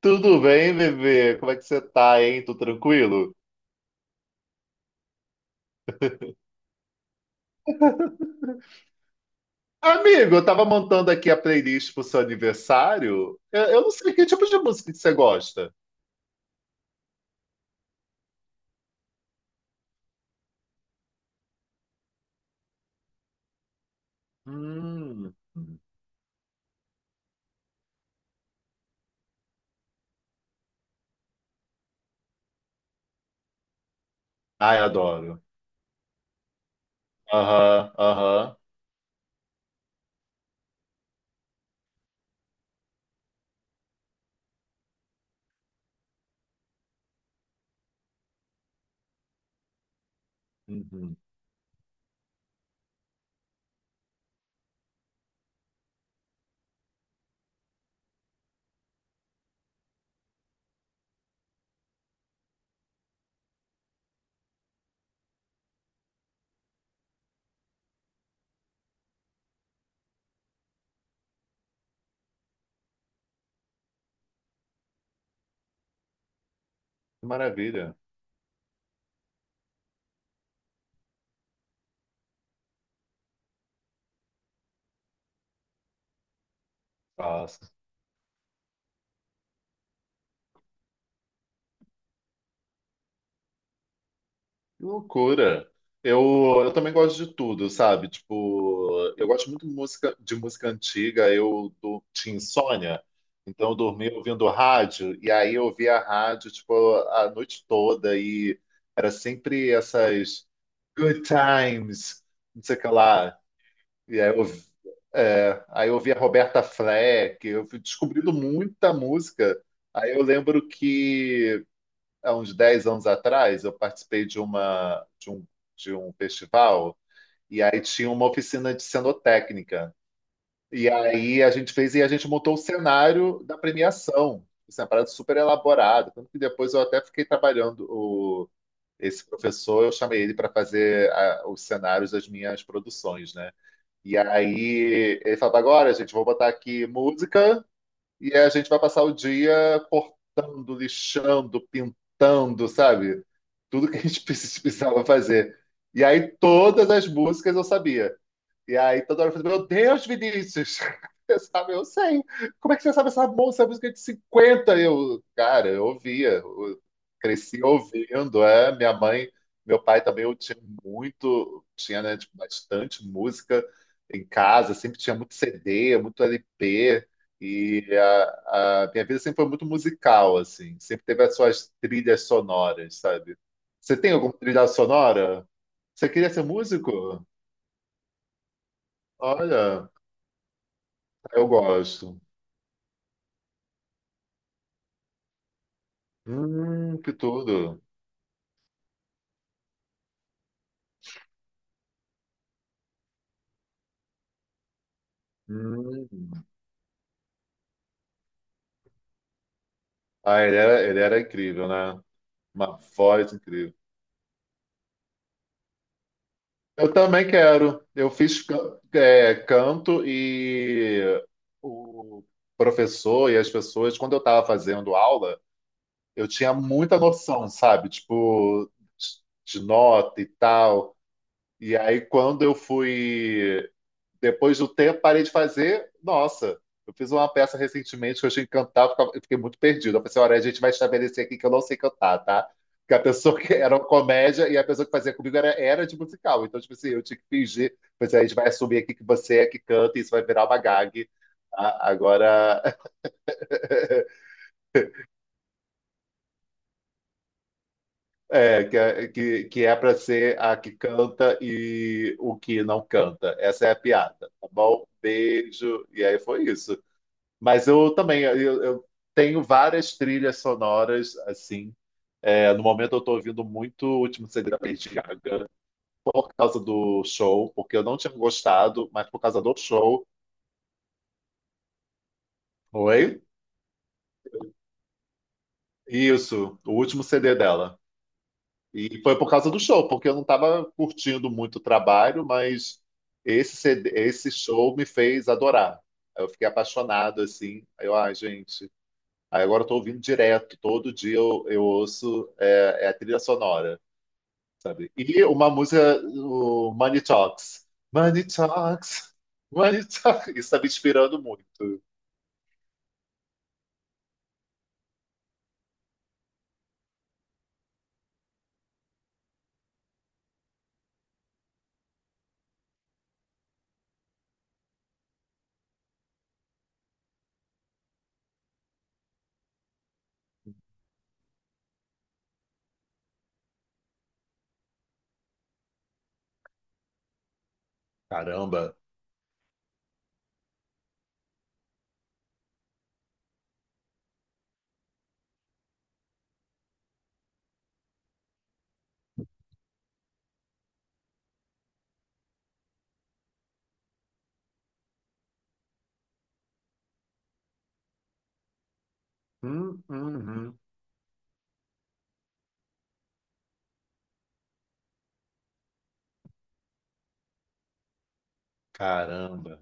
Tudo bem, bebê? Como é que você tá, hein? Tudo tranquilo? Amigo, eu tava montando aqui a playlist pro seu aniversário. Eu não sei que tipo de música que você gosta. Hum. Ai, adoro. Aham, aham. Uhum. Que maravilha. Que loucura. Eu, eu também gosto de tudo, sabe? Tipo, eu gosto muito de música antiga. Tinha insônia, então eu dormia ouvindo rádio, e aí eu ouvia rádio, tipo, a noite toda, e era sempre essas good times, não sei o que lá. E aí eu ouvia Roberta Fleck, eu fui descobrindo muita música. Aí eu lembro que há uns 10 anos atrás, eu participei de um festival e aí tinha uma oficina de cenotécnica. E aí a gente fez e a gente montou o cenário da premiação. Isso é uma parada super elaborada. Tanto que depois eu até fiquei trabalhando esse professor, eu chamei ele para fazer os cenários das minhas produções, né? E aí ele falava, agora, gente, vou botar aqui música e a gente vai passar o dia cortando, lixando, pintando, sabe? Tudo que a gente precisava fazer. E aí todas as músicas eu sabia. E aí toda hora eu falei, meu Deus, Vinícius! Eu, sabe, eu sei. Como é que você sabe essa música de 50? Eu, cara, eu ouvia. Eu cresci ouvindo. É, minha mãe, meu pai também, eu tinha muito, tinha, né, tipo, bastante música em casa, sempre tinha muito CD, muito LP. E a minha vida sempre foi muito musical, assim. Sempre teve as suas trilhas sonoras, sabe? Você tem alguma trilha sonora? Você queria ser músico? Olha. Eu gosto. Que tudo. Hum. Ah, ele era incrível, né? Uma voz incrível. Eu também quero. Eu fiz canto e o professor e as pessoas, quando eu estava fazendo aula, eu tinha muita noção, sabe? Tipo, de nota e tal. E aí, quando eu fui depois do tempo, parei de fazer. Nossa, eu fiz uma peça recentemente que eu achei que cantar, eu fiquei muito perdido. Eu pensei, olha, a gente vai estabelecer aqui que eu não sei cantar, tá? Porque a pessoa que era uma comédia e a pessoa que fazia comigo era de musical. Então, tipo assim, eu tinha que fingir. Pois é, a gente vai assumir aqui que você é que canta e isso vai virar uma gag. Agora, que é para ser a que canta e o que não canta. Essa é a piada, tá bom? Beijo. E aí foi isso. Mas eu também, eu tenho várias trilhas sonoras, assim. É, no momento eu tô ouvindo muito o Último Segredo da Lady Gaga por causa do show, porque eu não tinha gostado, mas por causa do show. Oi? Isso, o último CD dela. E foi por causa do show, porque eu não estava curtindo muito o trabalho, mas esse CD, esse show me fez adorar. Eu fiquei apaixonado, assim. Aí eu, ai, gente. Aí agora eu tô ouvindo direto, todo dia eu ouço é a trilha sonora. Sabe? E uma música, o Money Talks. Money Talks, Money Talks. Isso está me inspirando muito. Caramba. Hum, hum, hum. Caramba.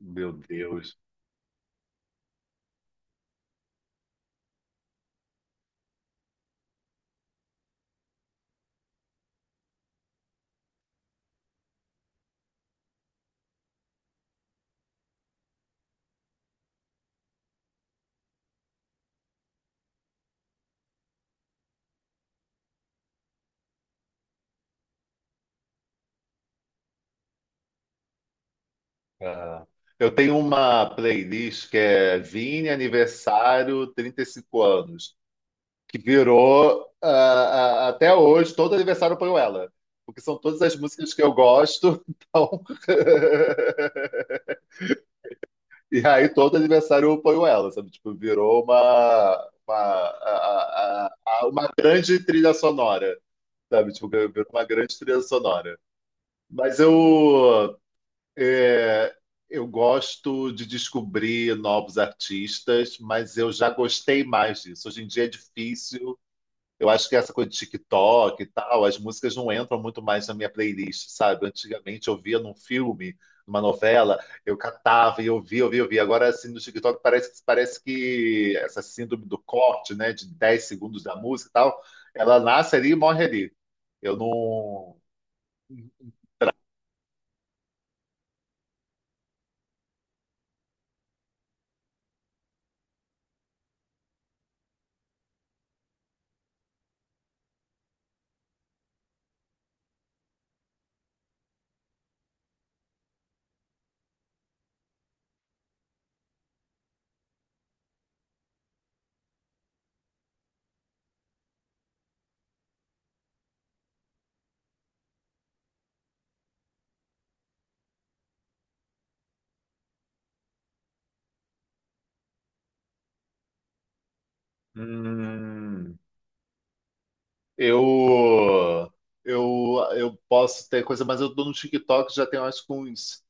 Meu Deus. Ah, eu tenho uma playlist que é Vini Aniversário 35 anos, que virou até hoje, todo aniversário eu ponho ela. Porque são todas as músicas que eu gosto, então. E aí todo adversário apoiou ela, sabe? Tipo, virou uma, a- uma grande trilha sonora, sabe? Tipo, virou uma grande trilha sonora. Mas eu, é, eu gosto de descobrir novos artistas, mas eu já gostei mais disso. Hoje em dia é difícil. Eu acho que essa coisa de TikTok e tal, as músicas não entram muito mais na minha playlist, sabe? Antigamente eu via num filme, numa novela, eu catava e eu via, eu via, eu via. Agora, assim, no TikTok parece que essa síndrome do corte, né, de 10 segundos da música e tal, ela nasce ali e morre ali. Eu não. Hum, eu. Eu posso ter coisa, mas eu tô no TikTok já tem acho que uns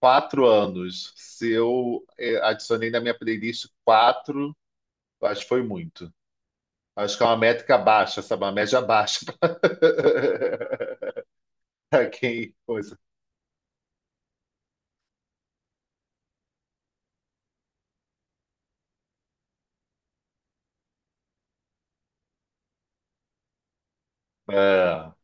4 anos. Se eu adicionei na minha playlist quatro, acho que foi muito. Acho que é uma métrica baixa, sabe? Uma média baixa para quem coisa. É.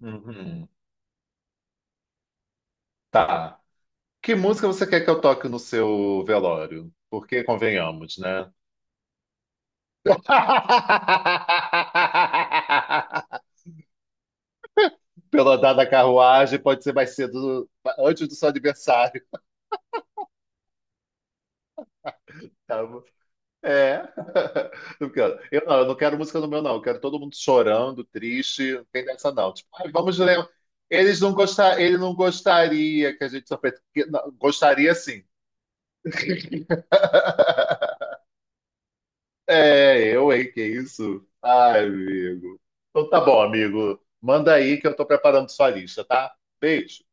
Uhum. Tá. Que música você quer que eu toque no seu velório? Porque convenhamos, né? Pelo andar da carruagem, pode ser mais cedo, antes do seu aniversário, tá? É. Eu não quero música no meu, não. Eu quero todo mundo chorando, triste. Não tem dessa, não. Tipo, "Ai, vamos ler. Um. Eles não gostar, ele não gostaria que a gente sofresse. Não, gostaria sim. É, eu, hein? Que isso? Ai, amigo. Então tá bom, amigo. Manda aí que eu tô preparando sua lista, tá? Beijo.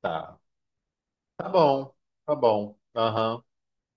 Tá. Tá bom. Tá bom. Aham.